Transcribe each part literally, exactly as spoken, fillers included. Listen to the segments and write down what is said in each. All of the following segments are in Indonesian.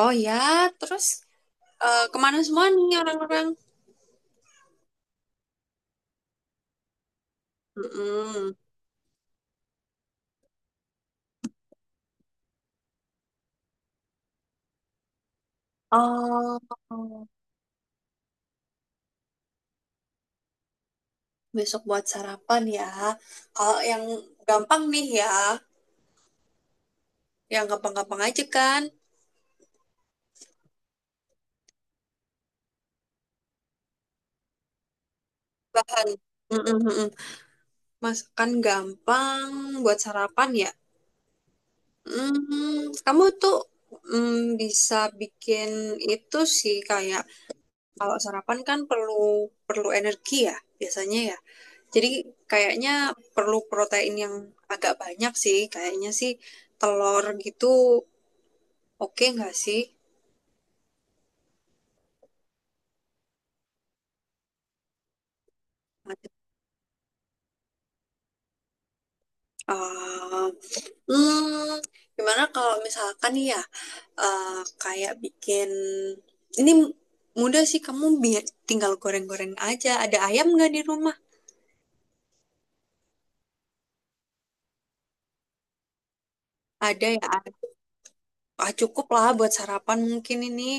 Oh ya, terus eh, kemana semua nih orang-orang? Mm-mm. Oh, besok buat sarapan ya. Kalau yang gampang nih ya, yang gampang-gampang aja kan. Bahan. Mm-mm-mm. Masakan gampang buat sarapan ya. Mm, kamu tuh mm, bisa bikin itu sih kayak kalau sarapan kan perlu perlu energi ya biasanya ya. Jadi kayaknya perlu protein yang agak banyak sih. Kayaknya sih telur gitu oke nggak sih? Eh, hmm, Gimana kalau misalkan nih ya eh, kayak bikin ini mudah sih kamu biar tinggal goreng-goreng aja. Ada ayam nggak di rumah? Ada ya. Ah, cukup lah buat sarapan mungkin ini.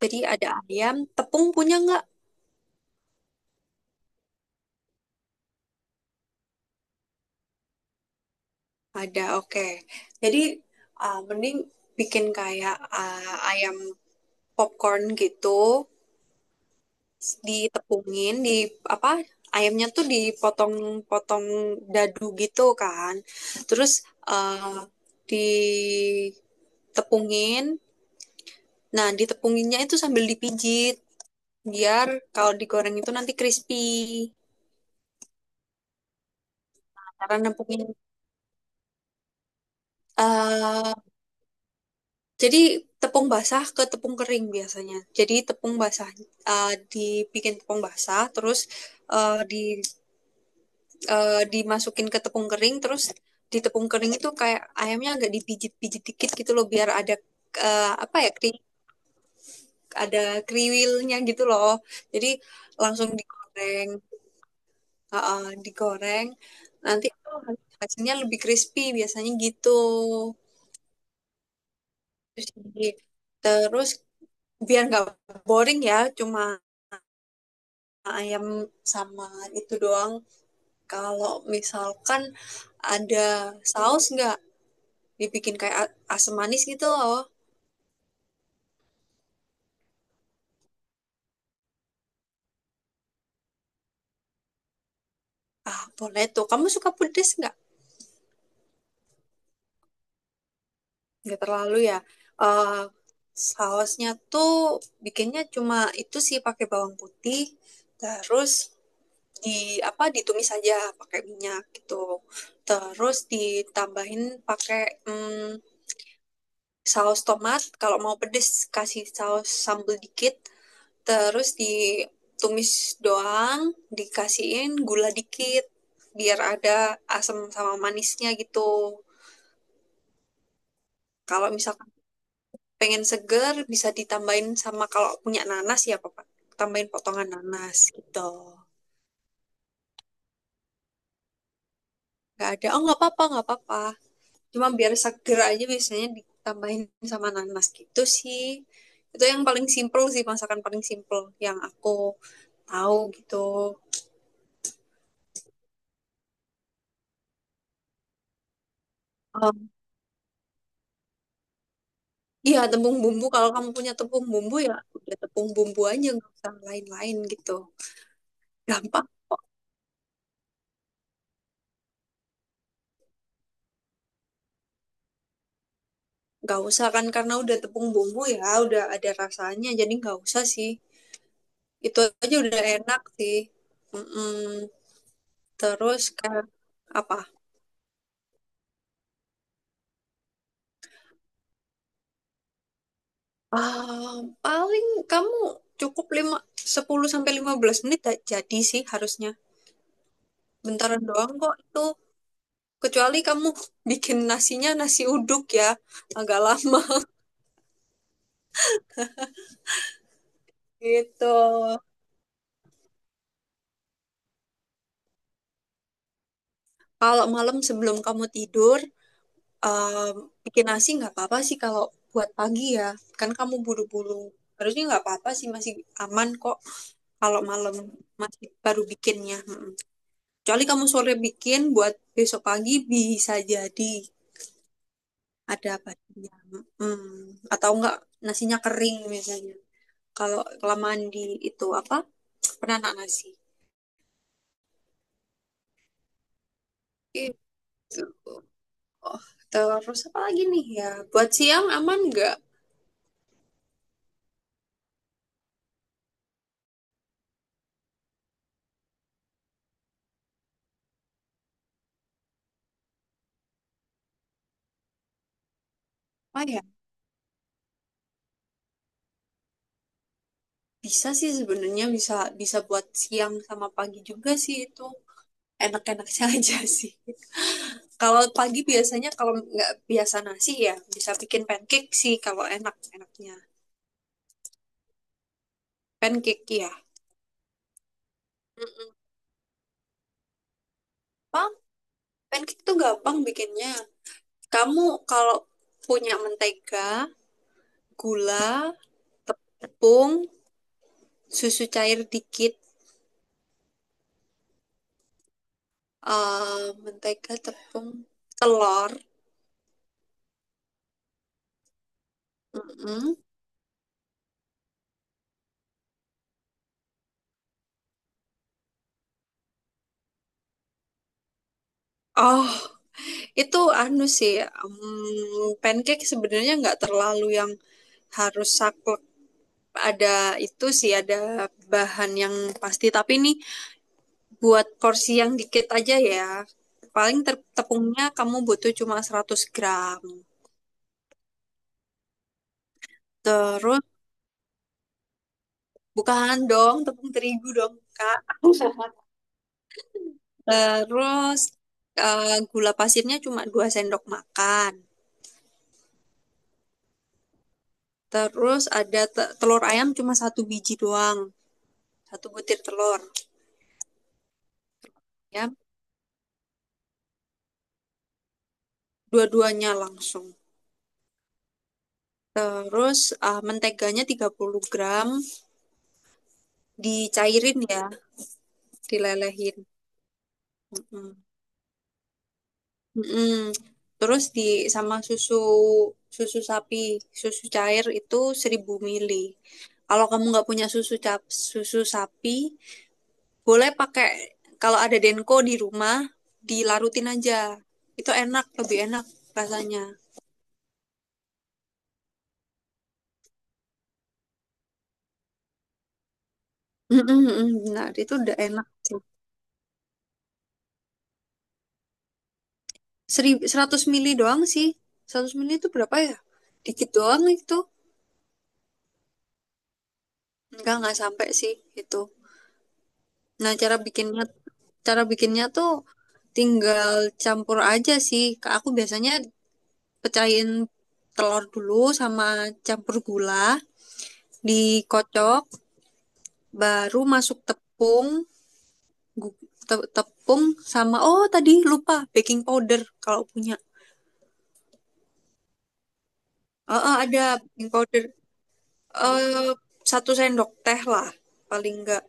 Jadi ada ayam, tepung punya nggak? Ada, oke. Jadi, ah, mending bikin kayak ah, ayam popcorn gitu, s- ditepungin, di apa? Ayamnya tuh dipotong-potong dadu gitu kan. Terus ah, ditepungin. Nah, ditepunginnya itu sambil dipijit biar kalau digoreng itu nanti crispy. Karena nepungin, eh jadi tepung basah ke tepung kering biasanya. Jadi tepung basah eh, dibikin tepung basah, terus eh, di eh, dimasukin ke tepung kering, terus di tepung kering itu kayak ayamnya agak dipijit-pijit dikit gitu loh, biar ada eh, apa ya kri, ada kriwilnya gitu loh. Jadi langsung digoreng, heeh, digoreng. Nanti itu hasilnya lebih crispy biasanya gitu. Terus di- terus biar nggak boring ya, cuma ayam sama itu doang. Kalau misalkan ada saus nggak dibikin kayak asam manis gitu loh. Ah, boleh tuh. Kamu suka pedes nggak? Nggak terlalu ya. Eh Sausnya tuh bikinnya cuma itu sih pakai bawang putih, terus di apa ditumis aja pakai minyak gitu. Terus ditambahin pakai mm, saus tomat. Kalau mau pedes kasih saus sambal dikit. Terus ditumis doang, dikasihin gula dikit biar ada asam sama manisnya gitu. Kalau misalkan pengen seger bisa ditambahin sama kalau punya nanas ya Pak, tambahin potongan nanas gitu. Gak ada, oh nggak apa-apa, nggak apa-apa. Cuma biar seger aja biasanya ditambahin sama nanas gitu sih. Itu yang paling simple sih, masakan paling simple yang aku tahu gitu. Eh, Iya, tepung bumbu. Kalau kamu punya tepung bumbu ya udah tepung bumbu aja, nggak usah lain-lain gitu. Gampang, nggak usah kan karena udah tepung bumbu ya, udah ada rasanya, jadi nggak usah sih. Itu aja udah enak sih. Mm-mm. Terus kayak apa? Ah, Paling kamu cukup lima sepuluh sampai lima belas menit dah jadi sih harusnya. Bentaran doang kok itu. Kecuali kamu bikin nasinya nasi uduk ya, agak lama gitu. Kalau malam sebelum kamu tidur, em, bikin nasi nggak apa-apa sih kalau buat pagi ya. Kan kamu buru-buru. Harusnya nggak apa-apa sih, masih aman kok kalau malam masih baru bikinnya. Mm. Kecuali kamu sore bikin buat besok pagi bisa jadi ada badannya. Mm. Atau enggak nasinya kering misalnya. Kalau kelamaan di itu apa? Penanak nasi. Itu? Oh, terus apa lagi nih ya? Buat siang aman nggak? Apa ya? Bisa sih sebenarnya bisa bisa buat siang sama pagi juga sih itu. Enak-enaknya aja sih. Kalau pagi biasanya kalau nggak biasa nasi ya bisa bikin pancake sih kalau enak-enaknya. Pancake ya. Gampang. Pancake tuh gampang bikinnya. Kamu kalau punya mentega, gula, tepung, susu cair dikit, eh mentega, tepung, telur. Mm-mm. Oh, itu anu sih, mm, pancake sebenarnya nggak terlalu yang harus saklek. Ada itu sih, ada bahan yang pasti. Tapi ini buat porsi yang dikit aja ya. Paling ter- tepungnya kamu butuh cuma seratus gram. Terus, bukan dong, tepung terigu dong, Kak. Terus eh, gula pasirnya cuma dua sendok makan. Terus ada te- telur ayam cuma satu biji doang, satu butir telur. Ya, dua-duanya langsung. Terus ah, menteganya tiga puluh gram dicairin ya, dilelehin. Mm. Mm-mm. Terus di sama susu susu sapi, susu cair itu seribu mili. Kalau kamu nggak punya susu cap, susu sapi, boleh pakai kalau ada Denko di rumah dilarutin aja. Itu enak, lebih enak rasanya. Mm-mm, benar, itu udah enak. Serib, seratus mili doang sih. Seratus mili itu berapa ya? Dikit doang itu. Enggak, nggak sampai sih itu. Nah, cara bikinnya cara bikinnya tuh tinggal campur aja sih. Ke- Aku biasanya pecahin telur dulu sama campur gula, dikocok, baru masuk tepung, gu- te- tepung sama oh tadi lupa baking powder kalau punya. Oh, oh, ada baking powder. Eh, Satu sendok teh lah paling enggak.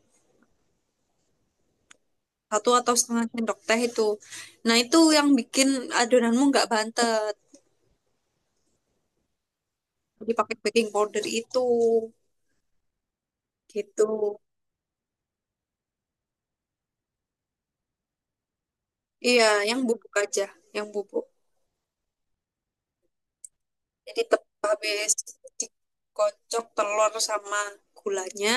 Satu atau setengah sendok teh itu. Nah, itu yang bikin adonanmu nggak bantet. Dipakai baking powder itu, gitu. Iya, yang bubuk aja, yang bubuk. Jadi tep- habis dikocok telur sama gulanya,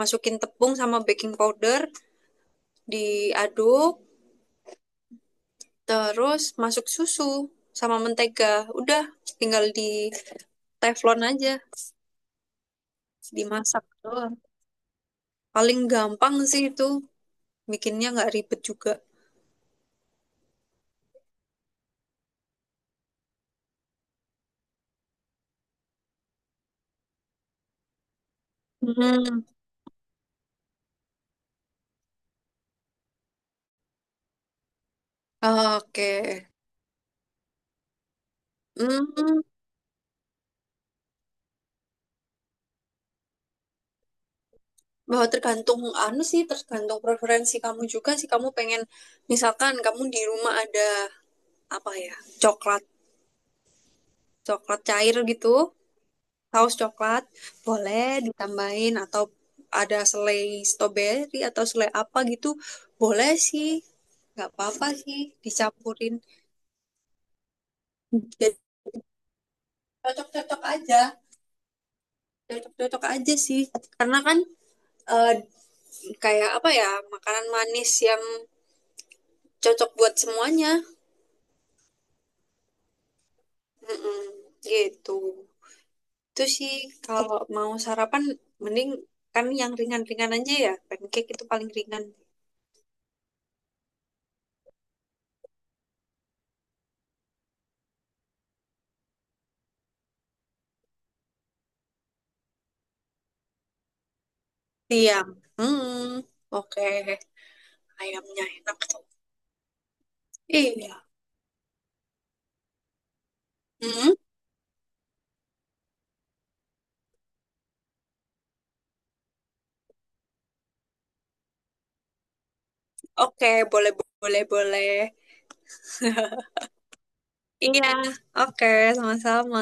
masukin tepung sama baking powder, diaduk, terus masuk susu sama mentega. Udah, tinggal di teflon aja, dimasak doang. Paling gampang sih itu, bikinnya nggak ribet juga. Hmm. Oke. Hmm, Bahwa tergantung anu sih, tergantung preferensi kamu juga sih. Kamu pengen misalkan kamu di rumah ada apa ya? Coklat, coklat cair gitu, saus coklat, boleh ditambahin atau ada selai stroberi atau selai apa gitu, boleh sih. Nggak apa-apa sih dicampurin. Jadi cocok-cocok aja, cocok-cocok aja sih. Karena kan eh, kayak apa ya, makanan manis yang cocok buat semuanya. Mm-mm, gitu. Itu sih kalau mau sarapan mending kan yang ringan-ringan aja ya. Pancake itu paling ringan. Siang. Hmm. Oke, ayamnya enak tuh. Iya. Hmm. Oke, boleh boleh boleh. Iya, oke, sama-sama.